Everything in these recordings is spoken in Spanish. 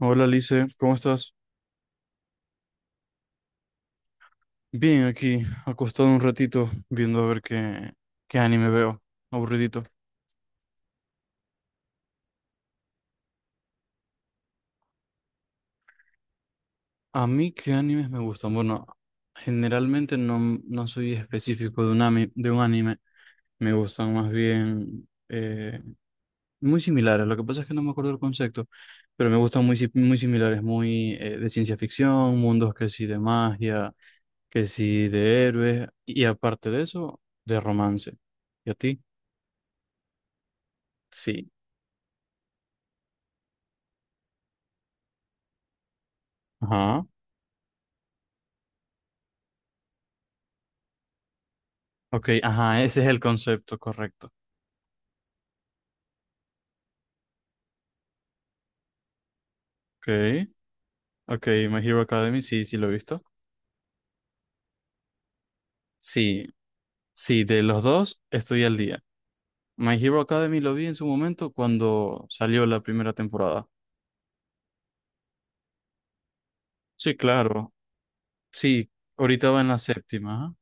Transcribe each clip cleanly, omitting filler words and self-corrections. Hola Lice, ¿cómo estás? Bien, aquí, acostado un ratito, viendo a ver qué, qué anime veo. Aburridito. A mí, ¿qué animes me gustan? Bueno, generalmente no, no soy específico de un, de un anime. Me gustan más bien muy similares. Lo que pasa es que no me acuerdo el concepto, pero me gustan muy, muy similares, muy de ciencia ficción, mundos que sí de magia, que sí de héroes, y aparte de eso, de romance. ¿Y a ti? Sí. Ajá. Ok, ajá, ese es el concepto correcto. Ok, ok, My Hero Academy, sí, sí lo he visto. Sí, sí, de los dos estoy al día. My Hero Academy lo vi en su momento cuando salió la primera temporada. Sí, claro, sí, ahorita va en la séptima, ajá.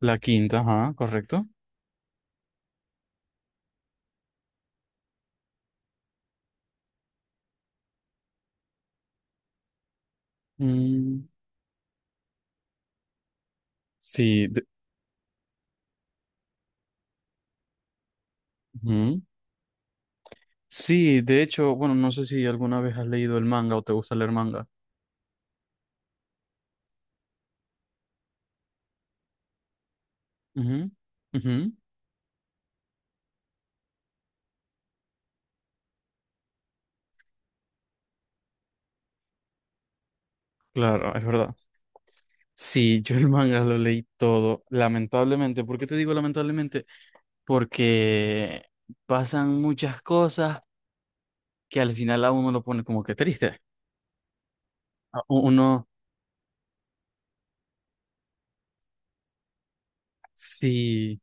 La quinta, ajá, correcto. Mm, sí, de, ujú. Sí, de hecho, bueno, no sé si alguna vez has leído el manga o te gusta leer manga. Ujú, ujú. Claro, es verdad. Sí, yo el manga lo leí todo, lamentablemente. ¿Por qué te digo lamentablemente? Porque pasan muchas cosas que al final a uno lo pone como que triste. Uno sí,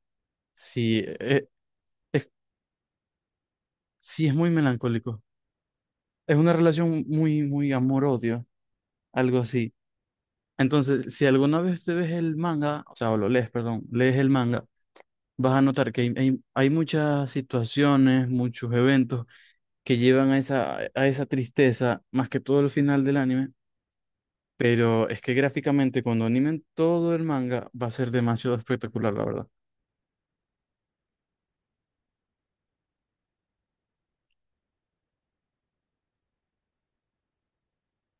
sí, es, sí es muy melancólico. Es una relación muy, muy amor-odio, algo así. Entonces, si alguna vez te ves el manga, o sea, o lo lees, perdón, lees el manga, vas a notar que hay, hay muchas situaciones, muchos eventos que llevan a esa tristeza, más que todo el final del anime. Pero es que gráficamente, cuando animen todo el manga, va a ser demasiado espectacular, la verdad.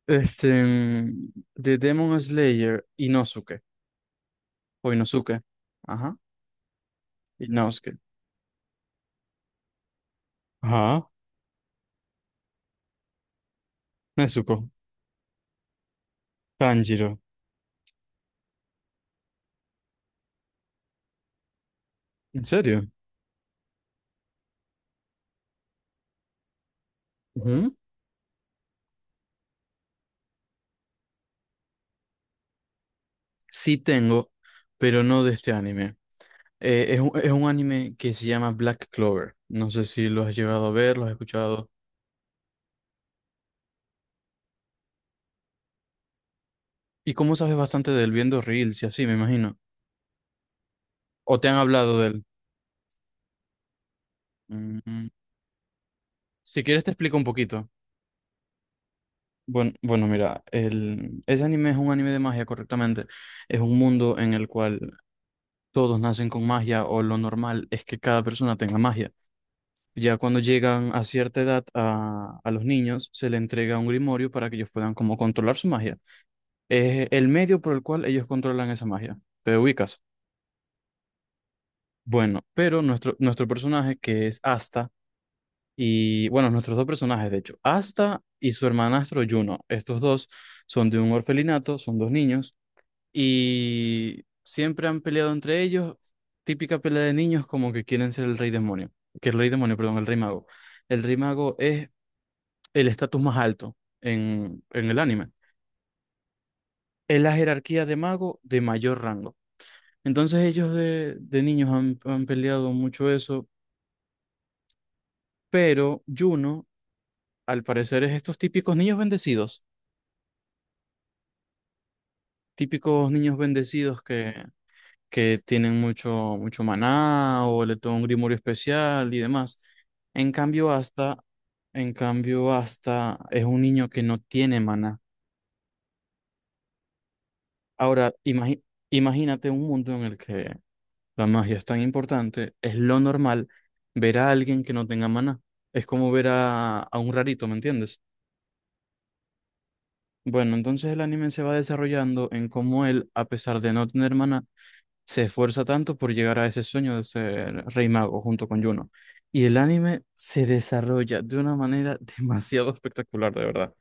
Este, mm, de Demon Slayer, Inosuke, o ajá, Inosuke, ajá, Nezuko, Tanjiro, ¿en serio? Ujú. Sí tengo, pero no de este anime. Es un anime que se llama Black Clover. No sé si lo has llegado a ver, lo has escuchado. ¿Y cómo sabes bastante de él viendo reels y así, me imagino? ¿O te han hablado de él? Mm, si quieres te explico un poquito. Bueno, bueno, mira, ese anime es un anime de magia, correctamente. Es un mundo en el cual todos nacen con magia o lo normal es que cada persona tenga magia. Ya cuando llegan a cierta edad a los niños, se le entrega un grimorio para que ellos puedan como controlar su magia. Es el medio por el cual ellos controlan esa magia. ¿Te ubicas? Bueno, pero nuestro, nuestro personaje, que es Asta, y bueno, nuestros dos personajes, de hecho, Asta y su hermanastro Juno. Estos dos son de un orfelinato, son dos niños y siempre han peleado entre ellos. Típica pelea de niños como que quieren ser el rey demonio, que el rey demonio, perdón, el rey mago. El rey mago es el estatus más alto en el anime. Es la jerarquía de mago de mayor rango. Entonces ellos de niños han, han peleado mucho eso, pero Juno, al parecer, es estos típicos niños bendecidos, típicos niños bendecidos que tienen mucho, mucho maná o le toman un grimorio especial y demás. En cambio, Asta, en cambio, Asta es un niño que no tiene maná. Ahora, imagínate un mundo en el que la magia es tan importante, es lo normal ver a alguien que no tenga maná. Es como ver a un rarito, ¿me entiendes? Bueno, entonces el anime se va desarrollando en cómo él, a pesar de no tener maná, se esfuerza tanto por llegar a ese sueño de ser rey mago junto con Yuno. Y el anime se desarrolla de una manera demasiado espectacular, de verdad.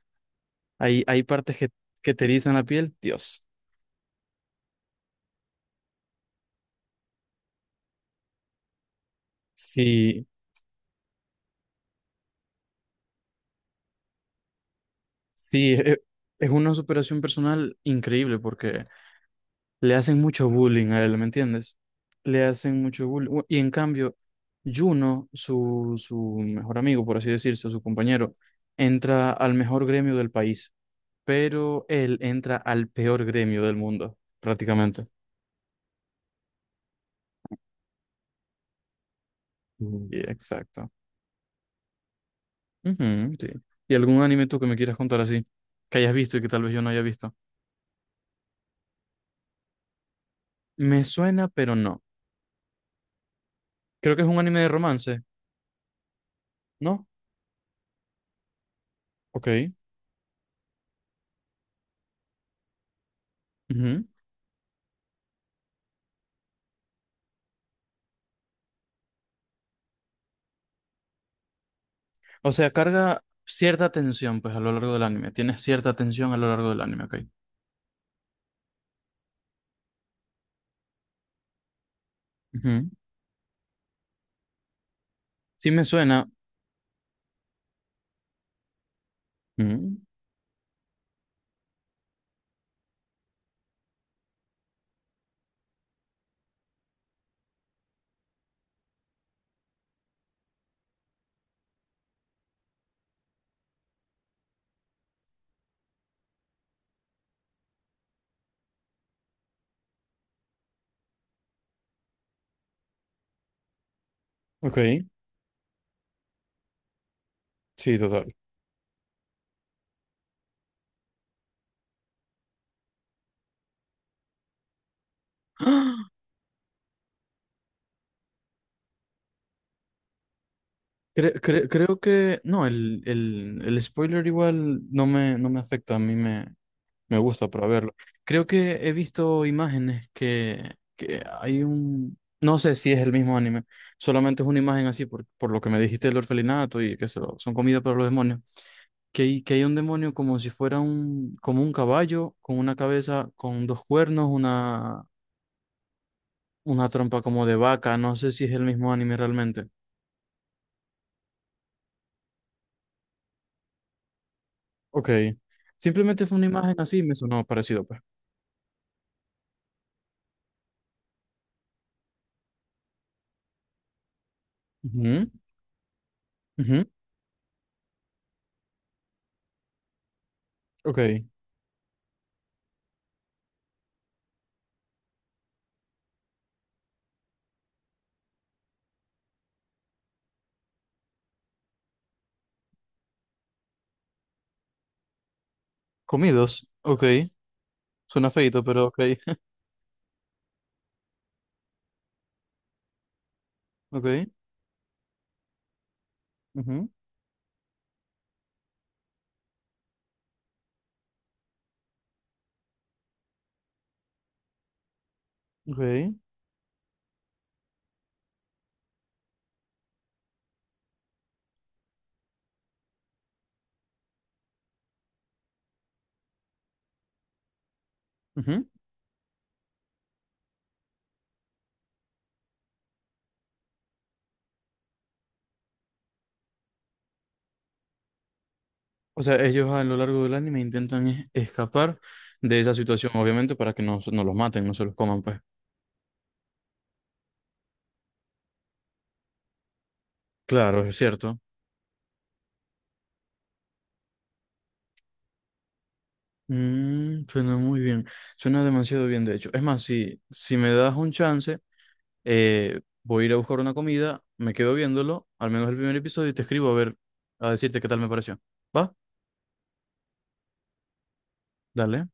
Hay partes que te erizan la piel, Dios. Sí, sí, es una superación personal increíble porque le hacen mucho bullying a él, ¿me entiendes? Le hacen mucho bullying. Bueno, y en cambio, Juno su, su mejor amigo, por así decirse, su compañero, entra al mejor gremio del país pero él entra al peor gremio del mundo, prácticamente. Mm. Y exacto. Ujú, sí. ¿Y algún anime tú que me quieras contar así? Que hayas visto y que tal vez yo no haya visto. Me suena, pero no. Creo que es un anime de romance, ¿no? Ok. Ujú. O sea, carga cierta tensión, pues, a lo largo del anime. Tienes cierta tensión a lo largo del anime, ok. Ujú. Sí me suena. Ujú. Ok. Sí, total. Creo que... No, el spoiler igual no me, no me afecta. A mí me, me gusta para verlo. Creo que he visto imágenes que hay un... No sé si es el mismo anime. Solamente es una imagen así por lo que me dijiste del orfelinato y que son comida para los demonios. Que hay un demonio como si fuera un, como un caballo, con una cabeza, con dos cuernos, una trompa como de vaca. No sé si es el mismo anime realmente. Ok. Simplemente fue una imagen así y me sonó parecido, pues. Ujú, ujú, ok. Comidos. Ok. Suena feito, pero ok. Ok. Ujú, ok, ujú. O sea, ellos a lo largo del anime intentan escapar de esa situación, obviamente, para que no, no los maten, no se los coman, pues. Claro, es cierto. Mm, suena muy bien. Suena demasiado bien, de hecho. Es más, si, si me das un chance, voy a ir a buscar una comida, me quedo viéndolo, al menos el primer episodio, y te escribo a ver, a decirte qué tal me pareció. ¿Va? Dale.